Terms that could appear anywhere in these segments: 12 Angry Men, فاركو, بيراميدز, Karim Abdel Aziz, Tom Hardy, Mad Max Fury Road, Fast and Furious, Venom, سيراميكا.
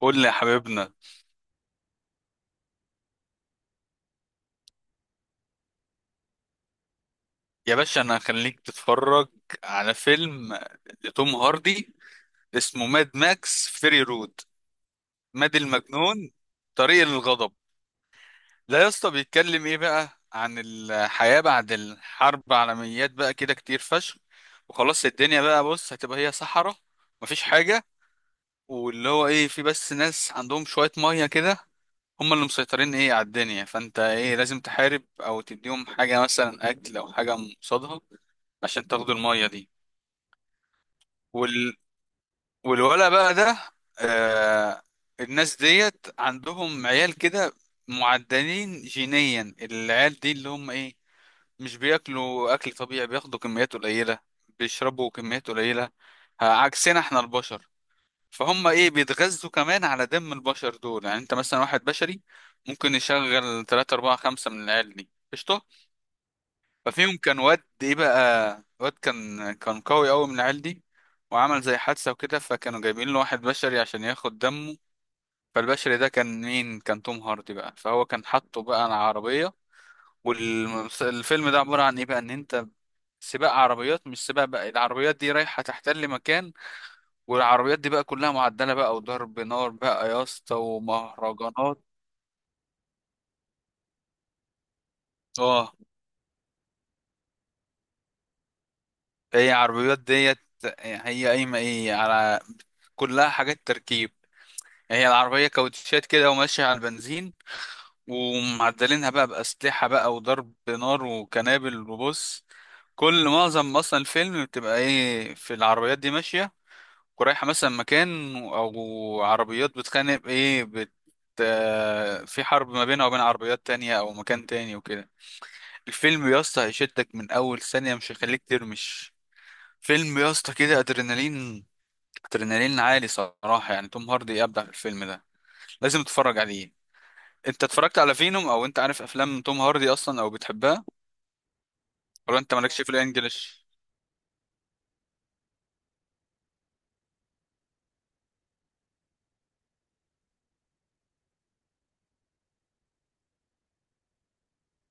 قول لي يا حبيبنا. يا باشا انا هخليك تتفرج على فيلم لتوم هاردي اسمه ماد ماكس فيري رود، ماد المجنون طريق الغضب. لا يا اسطى بيتكلم ايه بقى؟ عن الحياة بعد الحرب عالميات، بقى كده كتير فشخ. وخلاص الدنيا بقى، بص، هتبقى هي صحراء، مفيش حاجة. واللي هو ايه، في بس ناس عندهم شوية مية كده، هم اللي مسيطرين ايه على الدنيا، فانت ايه لازم تحارب او تديهم حاجة مثلا اكل او حاجة قصادها عشان تاخدوا المية دي. وال... والولا بقى ده، آه... الناس ديت عندهم عيال كده، معدلين جينيا، العيال دي اللي هم ايه مش بياكلوا اكل طبيعي، بياخدوا كميات قليلة، بيشربوا كميات قليلة، عكسنا احنا البشر. فهم ايه بيتغذوا كمان على دم البشر دول، يعني انت مثلا واحد بشري ممكن يشغل 3 4 5 من العيال دي قشطة. ففيهم كان واد ايه بقى، واد كان قوي قوي من العيال دي، وعمل زي حادثة وكده، فكانوا جايبين له واحد بشري عشان ياخد دمه. فالبشري ده كان مين؟ كان توم هاردي بقى. فهو كان حاطه بقى على عربية. والفيلم ده عبارة عن ايه بقى؟ ان انت سباق عربيات، مش سباق بقى، العربيات دي رايحة تحتل مكان، والعربيات دي بقى كلها معدلة بقى وضرب نار بقى يا اسطى ومهرجانات. اه هي عربيات ديت، هي قايمة ايه على، كلها حاجات تركيب. هي العربية كاوتشات كده وماشية على البنزين، ومعدلينها بقى بأسلحة بقى وضرب نار وكنابل. وبص، كل معظم أصلا الفيلم بتبقى إيه، في العربيات دي ماشية ورايحة مثلا مكان، أو عربيات بتخانق إيه بت آه، في حرب ما بينها وبين عربيات تانية أو مكان تاني وكده. الفيلم يا اسطى هيشدك من أول ثانية، مش هيخليك ترمش. فيلم يا اسطى كده أدرينالين عالي صراحة، يعني توم هاردي أبدع في الفيلم ده، لازم تتفرج عليه. انت اتفرجت على فينوم؟ او انت عارف افلام توم هاردي اصلا او بتحبها؟ ولا انت مالكش في الانجليش؟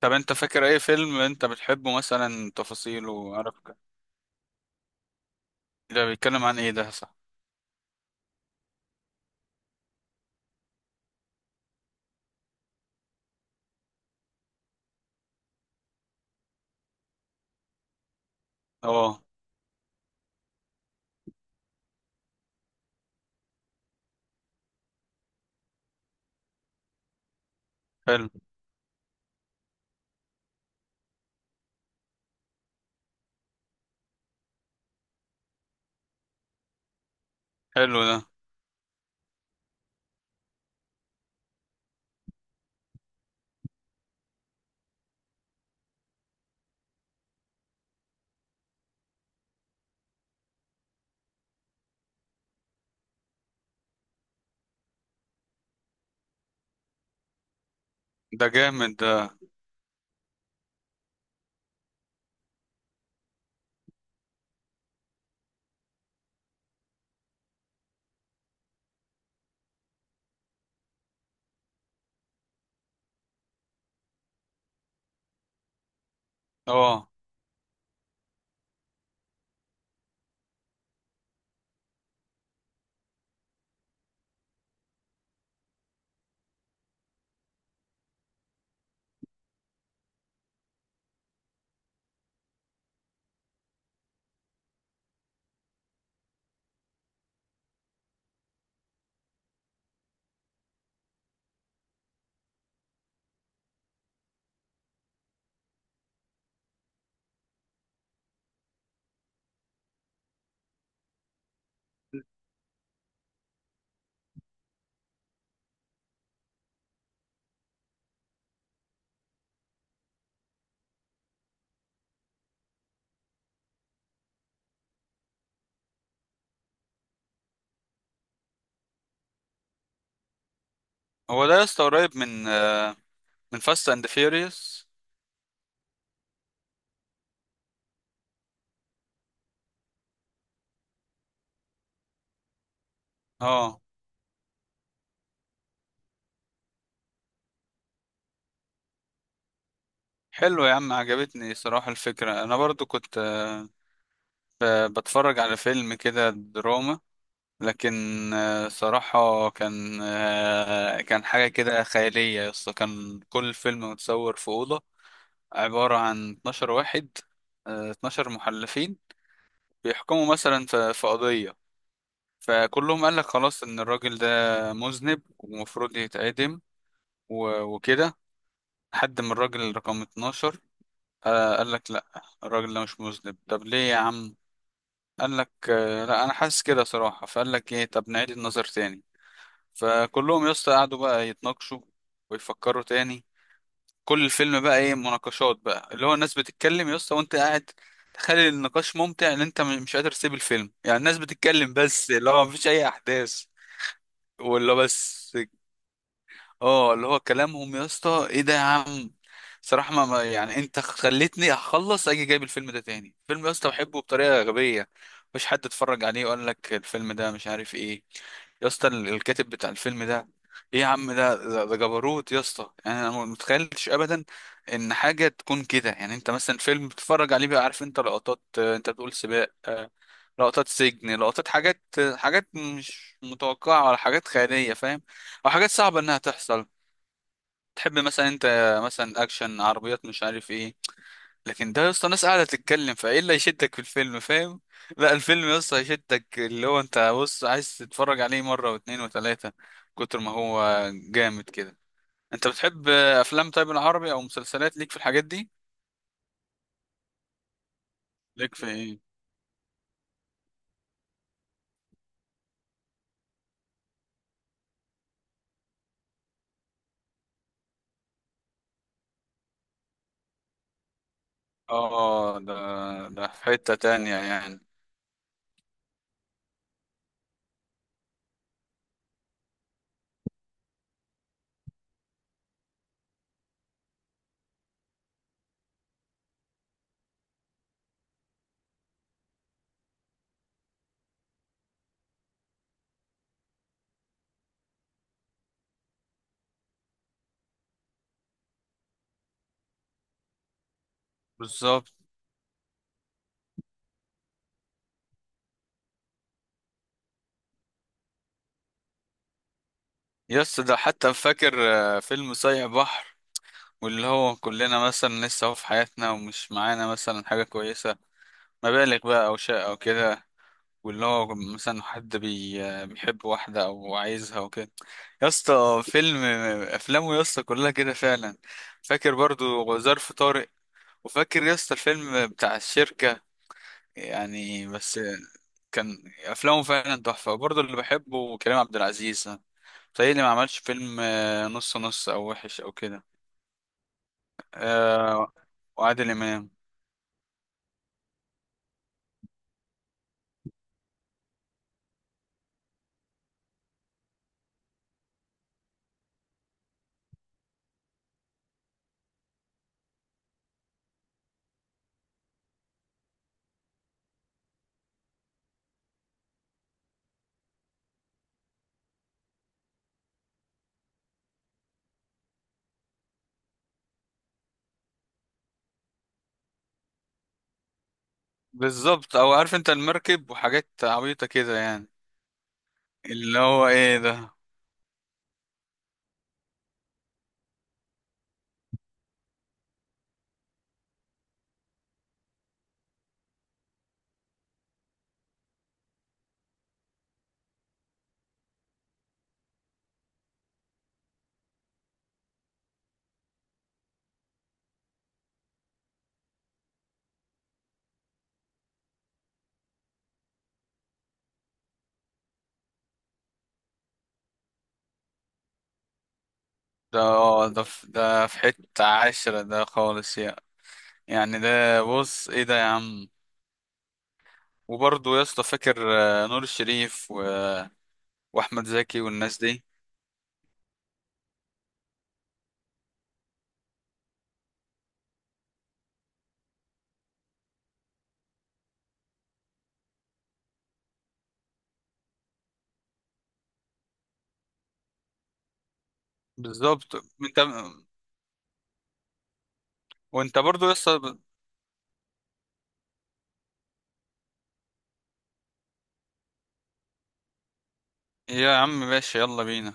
طب انت فاكر اي فيلم انت بتحبه مثلا تفاصيله عارف ده بيتكلم عن ايه؟ ده صح. اه، حلو. حلو ده. ده جامد ده. اه هو ده يا اسطى قريب من من فاست اند فيوريوس. اه. حلو يا عم، عجبتني صراحة الفكرة. انا برضو كنت بتفرج على فيلم كده دراما، لكن صراحة كان، كان حاجة كده خيالية يا اسطى. كان كل فيلم متصور في أوضة، عبارة عن 12 واحد، 12 محلفين بيحكموا مثلا في قضية. فكلهم قال لك خلاص إن الراجل ده مذنب ومفروض يتعدم وكده، لحد ما الراجل رقم 12 قال لك لأ، الراجل ده مش مذنب. طب ليه يا عم؟ قال لك لأ أنا حاسس كده صراحة. فقال لك إيه، طب نعيد النظر تاني. فكلهم يا اسطى قعدوا بقى يتناقشوا ويفكروا تاني. كل الفيلم بقى ايه مناقشات بقى، اللي هو الناس بتتكلم يا اسطى، وانت قاعد تخلي النقاش ممتع ان انت مش قادر تسيب الفيلم. يعني الناس بتتكلم بس، اللي هو مفيش اي احداث ولا بس. اه اللي هو كلامهم يا اسطى، ايه ده يا عم؟ صراحة يعني انت خلتني اخلص اجي جايب الفيلم ده تاني. فيلم يا اسطى بحبه بطريقة غبية، مفيش حد اتفرج عليه وقال لك الفيلم ده مش عارف ايه. يا اسطى الكاتب بتاع الفيلم ده، ايه يا عم ده جبروت يا اسطى، يعني انا ما متخيلتش ابدا ان حاجة تكون كده. يعني انت مثلا فيلم بتتفرج عليه بقى عارف انت لقطات، انت بتقول سباق، لقطات سجن، لقطات حاجات، حاجات مش متوقعة ولا حاجات خيالية فاهم، او حاجات صعبة انها تحصل. تحب مثلا انت، مثلا اكشن عربيات مش عارف ايه. لكن ده يا اسطى ناس قاعده تتكلم، فايه اللي هيشدك في الفيلم فاهم؟ لا الفيلم يا اسطى هيشدك، اللي هو انت بص عايز تتفرج عليه مره واتنين وتلاته كتر ما هو جامد كده. انت بتحب افلام طيب العربي او مسلسلات؟ ليك في الحاجات دي؟ ليك في ايه؟ اه ده، ده في حته تانية يعني. بالظبط. يا اسطى ده حتى فاكر فيلم صايع بحر، واللي هو كلنا مثلا لسه هو في حياتنا ومش معانا مثلا حاجه كويسه، مبالغ بقى او شيء او كده، واللي هو مثلا حد بيحب واحده او عايزها وكده. يا اسطى فيلم، افلامه يا اسطى كلها كده فعلا. فاكر برضو ظرف طارق، وفاكر يا اسطى الفيلم بتاع الشركه يعني بس. كان افلامه فعلا تحفه. برضو اللي بحبه كريم عبد العزيز، تهيألي ما عملش فيلم نص نص او وحش او كده. آه، وعادل امام. بالظبط، او عارف انت المركب وحاجات عبيطه كده يعني، اللي هو ايه ده ده. اه ده في، ده في حتة عاشرة ده خالص يعني. يعني ده بص ايه ده يا عم. وبرضه يا اسطى فاكر نور الشريف واحمد زكي والناس دي. بالظبط انت. وانت برضه يا اسطى، يا عم ماشي يلا بينا.